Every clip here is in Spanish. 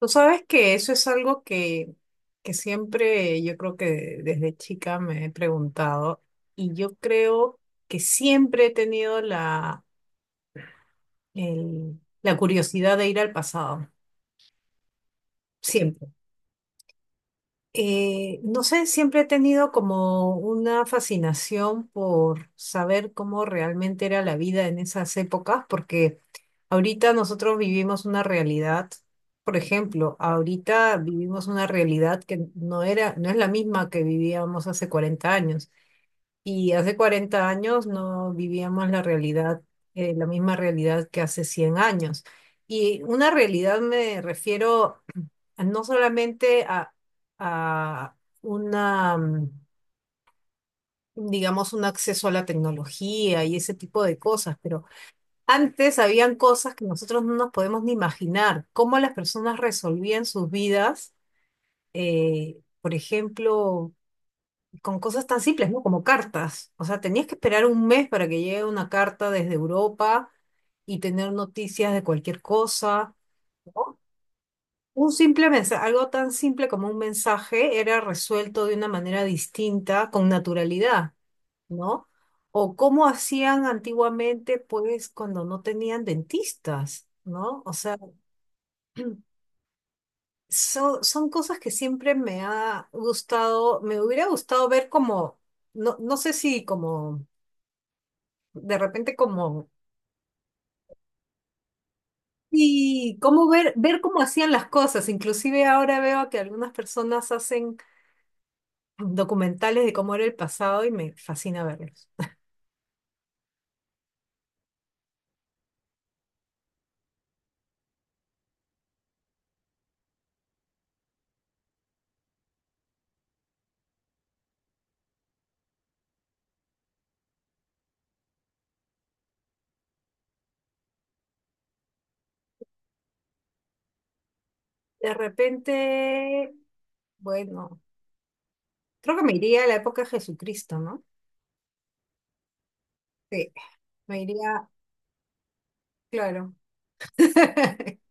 Tú sabes que eso es algo que siempre yo creo que desde chica me he preguntado y yo creo que siempre he tenido la curiosidad de ir al pasado, siempre. No sé, siempre he tenido como una fascinación por saber cómo realmente era la vida en esas épocas, porque ahorita nosotros vivimos una realidad, por ejemplo, ahorita vivimos una realidad que no era, no es la misma que vivíamos hace 40 años, y hace 40 años no vivíamos la realidad, la misma realidad que hace 100 años. Y una realidad me refiero no solamente a una, mm, digamos, un acceso a la tecnología y ese tipo de cosas. Pero antes habían cosas que nosotros no nos podemos ni imaginar, cómo las personas resolvían sus vidas. Por ejemplo, con cosas tan simples, ¿no? Como cartas. O sea, tenías que esperar un mes para que llegue una carta desde Europa y tener noticias de cualquier cosa. ¿No? Un simple mensaje, algo tan simple como un mensaje era resuelto de una manera distinta, con naturalidad, ¿no? O cómo hacían antiguamente, pues, cuando no tenían dentistas, ¿no? O sea, son cosas que siempre me ha gustado, me hubiera gustado ver como, no, no sé si como, de repente como, y cómo ver, ver cómo hacían las cosas. Inclusive ahora veo que algunas personas hacen documentales de cómo era el pasado y me fascina verlos. De repente, bueno, creo que me iría a la época de Jesucristo, ¿no? Sí, me iría, claro.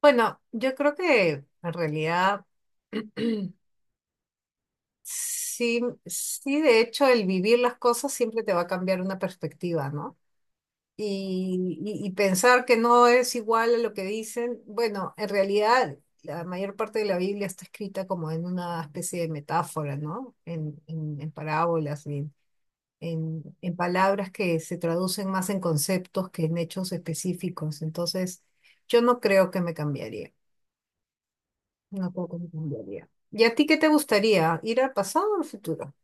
Bueno, yo creo que en realidad sí, sí, de hecho, el vivir las cosas siempre te va a cambiar una perspectiva, ¿no? Y, y pensar que no es igual a lo que dicen. Bueno, en realidad la mayor parte de la Biblia está escrita como en una especie de metáfora, ¿no? En, en parábolas, y en palabras que se traducen más en conceptos que en hechos específicos. Entonces, yo no creo que me cambiaría. No creo que me cambiaría. ¿Y a ti qué te gustaría? ¿Ir al pasado o al futuro?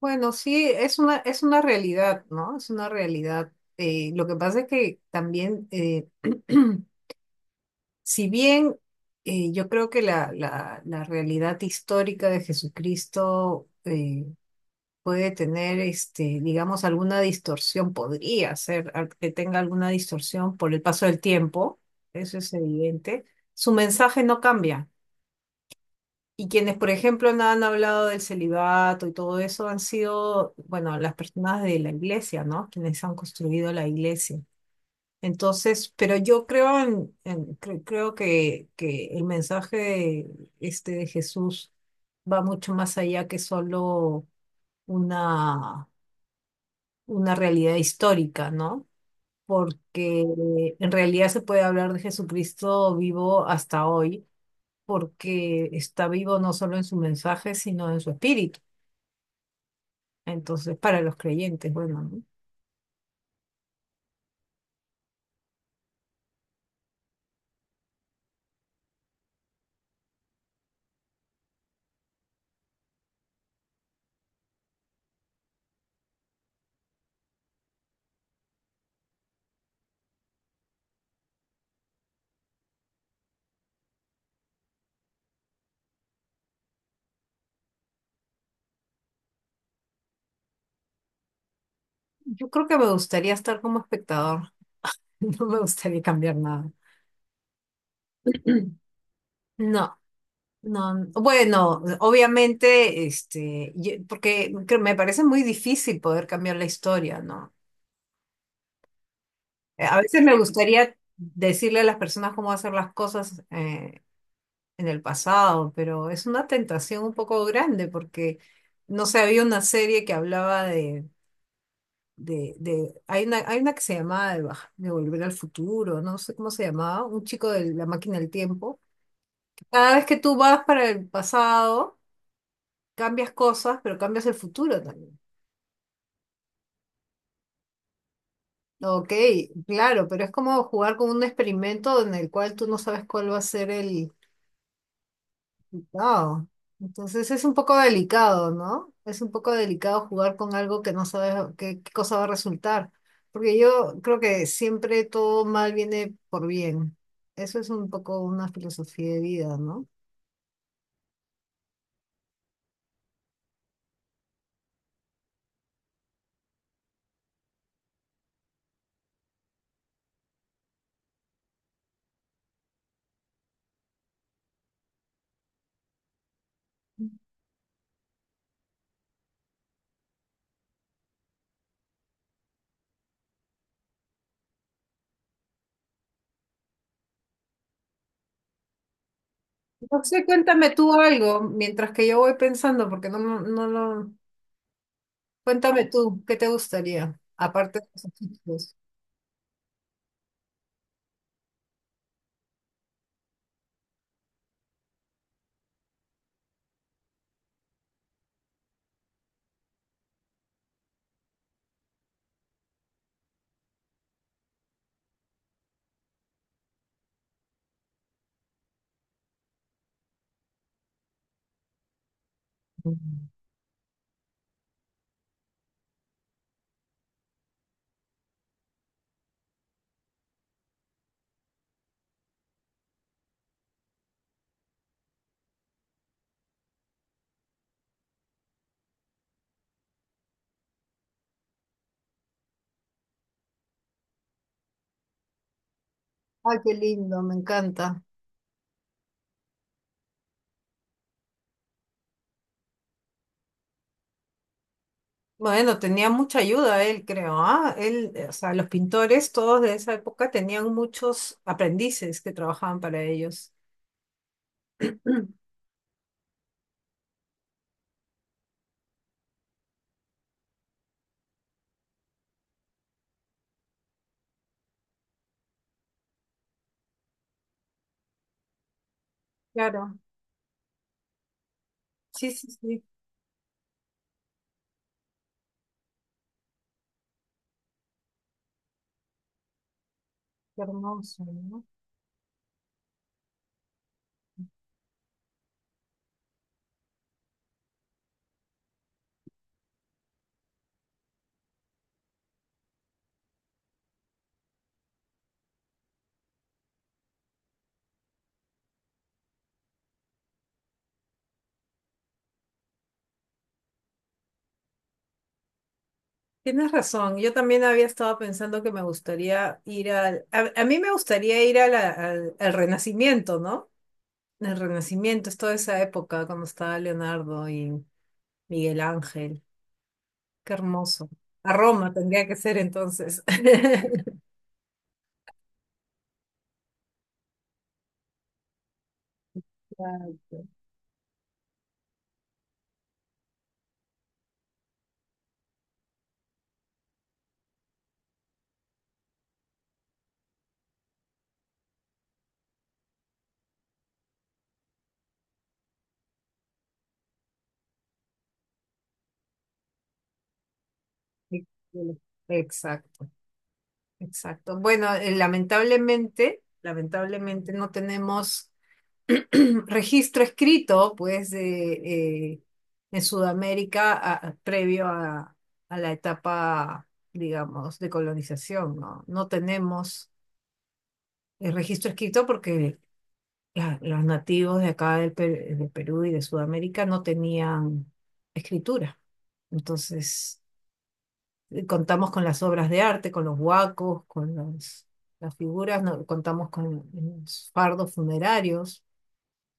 Bueno, sí, es una realidad, ¿no? Es una realidad. Lo que pasa es que también, si bien yo creo que la, la realidad histórica de Jesucristo puede tener, este, digamos, alguna distorsión, podría ser que tenga alguna distorsión por el paso del tiempo, eso es evidente, su mensaje no cambia. Y quienes, por ejemplo, no han hablado del celibato y todo eso han sido, bueno, las personas de la iglesia, ¿no? Quienes han construido la iglesia. Entonces, pero yo creo creo que el mensaje este de Jesús va mucho más allá que solo una, una realidad histórica, ¿no? Porque en realidad se puede hablar de Jesucristo vivo hasta hoy, porque está vivo no solo en su mensaje, sino en su espíritu. Entonces, para los creyentes, bueno, ¿no? Yo creo que me gustaría estar como espectador, no me gustaría cambiar nada. No, no, bueno, obviamente, este, me parece muy difícil poder cambiar la historia, ¿no? A veces me gustaría decirle a las personas cómo hacer las cosas en el pasado, pero es una tentación un poco grande porque, no sé, había una serie que hablaba hay una que se llama de Volver al Futuro, no sé cómo se llamaba, un chico de la máquina del tiempo. Cada vez que tú vas para el pasado, cambias cosas, pero cambias el futuro también. Ok, claro, pero es como jugar con un experimento en el cual tú no sabes cuál va a ser el, wow. Entonces es un poco delicado, ¿no? Es un poco delicado jugar con algo que no sabes qué cosa va a resultar. Porque yo creo que siempre todo mal viene por bien. Eso es un poco una filosofía de vida, ¿no? No sé, cuéntame tú algo mientras que yo voy pensando, porque no lo... Cuéntame tú, ¿qué te gustaría? Aparte de los ojitos. Ay, qué lindo, me encanta. Bueno, tenía mucha ayuda él, creo, ¿ah? Él, o sea, los pintores todos de esa época tenían muchos aprendices que trabajaban para ellos. Claro, sí, sí, sí, qué hermoso, ¿no? Tienes razón, yo también había estado pensando que me gustaría ir a mí me gustaría ir a al Renacimiento, ¿no? El Renacimiento, es toda esa época cuando estaba Leonardo y Miguel Ángel, qué hermoso. A Roma tendría que ser entonces. Claro. Sí, sí. Exacto, exacto. Bueno, lamentablemente, lamentablemente no tenemos registro escrito, pues, de, eh, en Sudamérica previo a la etapa, digamos, de colonización, ¿no? No tenemos el registro escrito porque los nativos de acá de Perú y de Sudamérica no tenían escritura. Entonces... contamos con las obras de arte, con los huacos, con las figuras, no, contamos con los fardos funerarios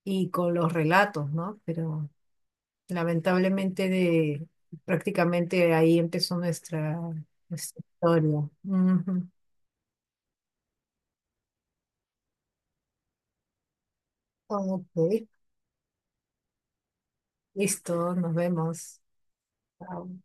y con los relatos, ¿no? Pero lamentablemente de, prácticamente ahí empezó nuestra, nuestra historia. Ujú. Ok, listo, nos vemos. Chao.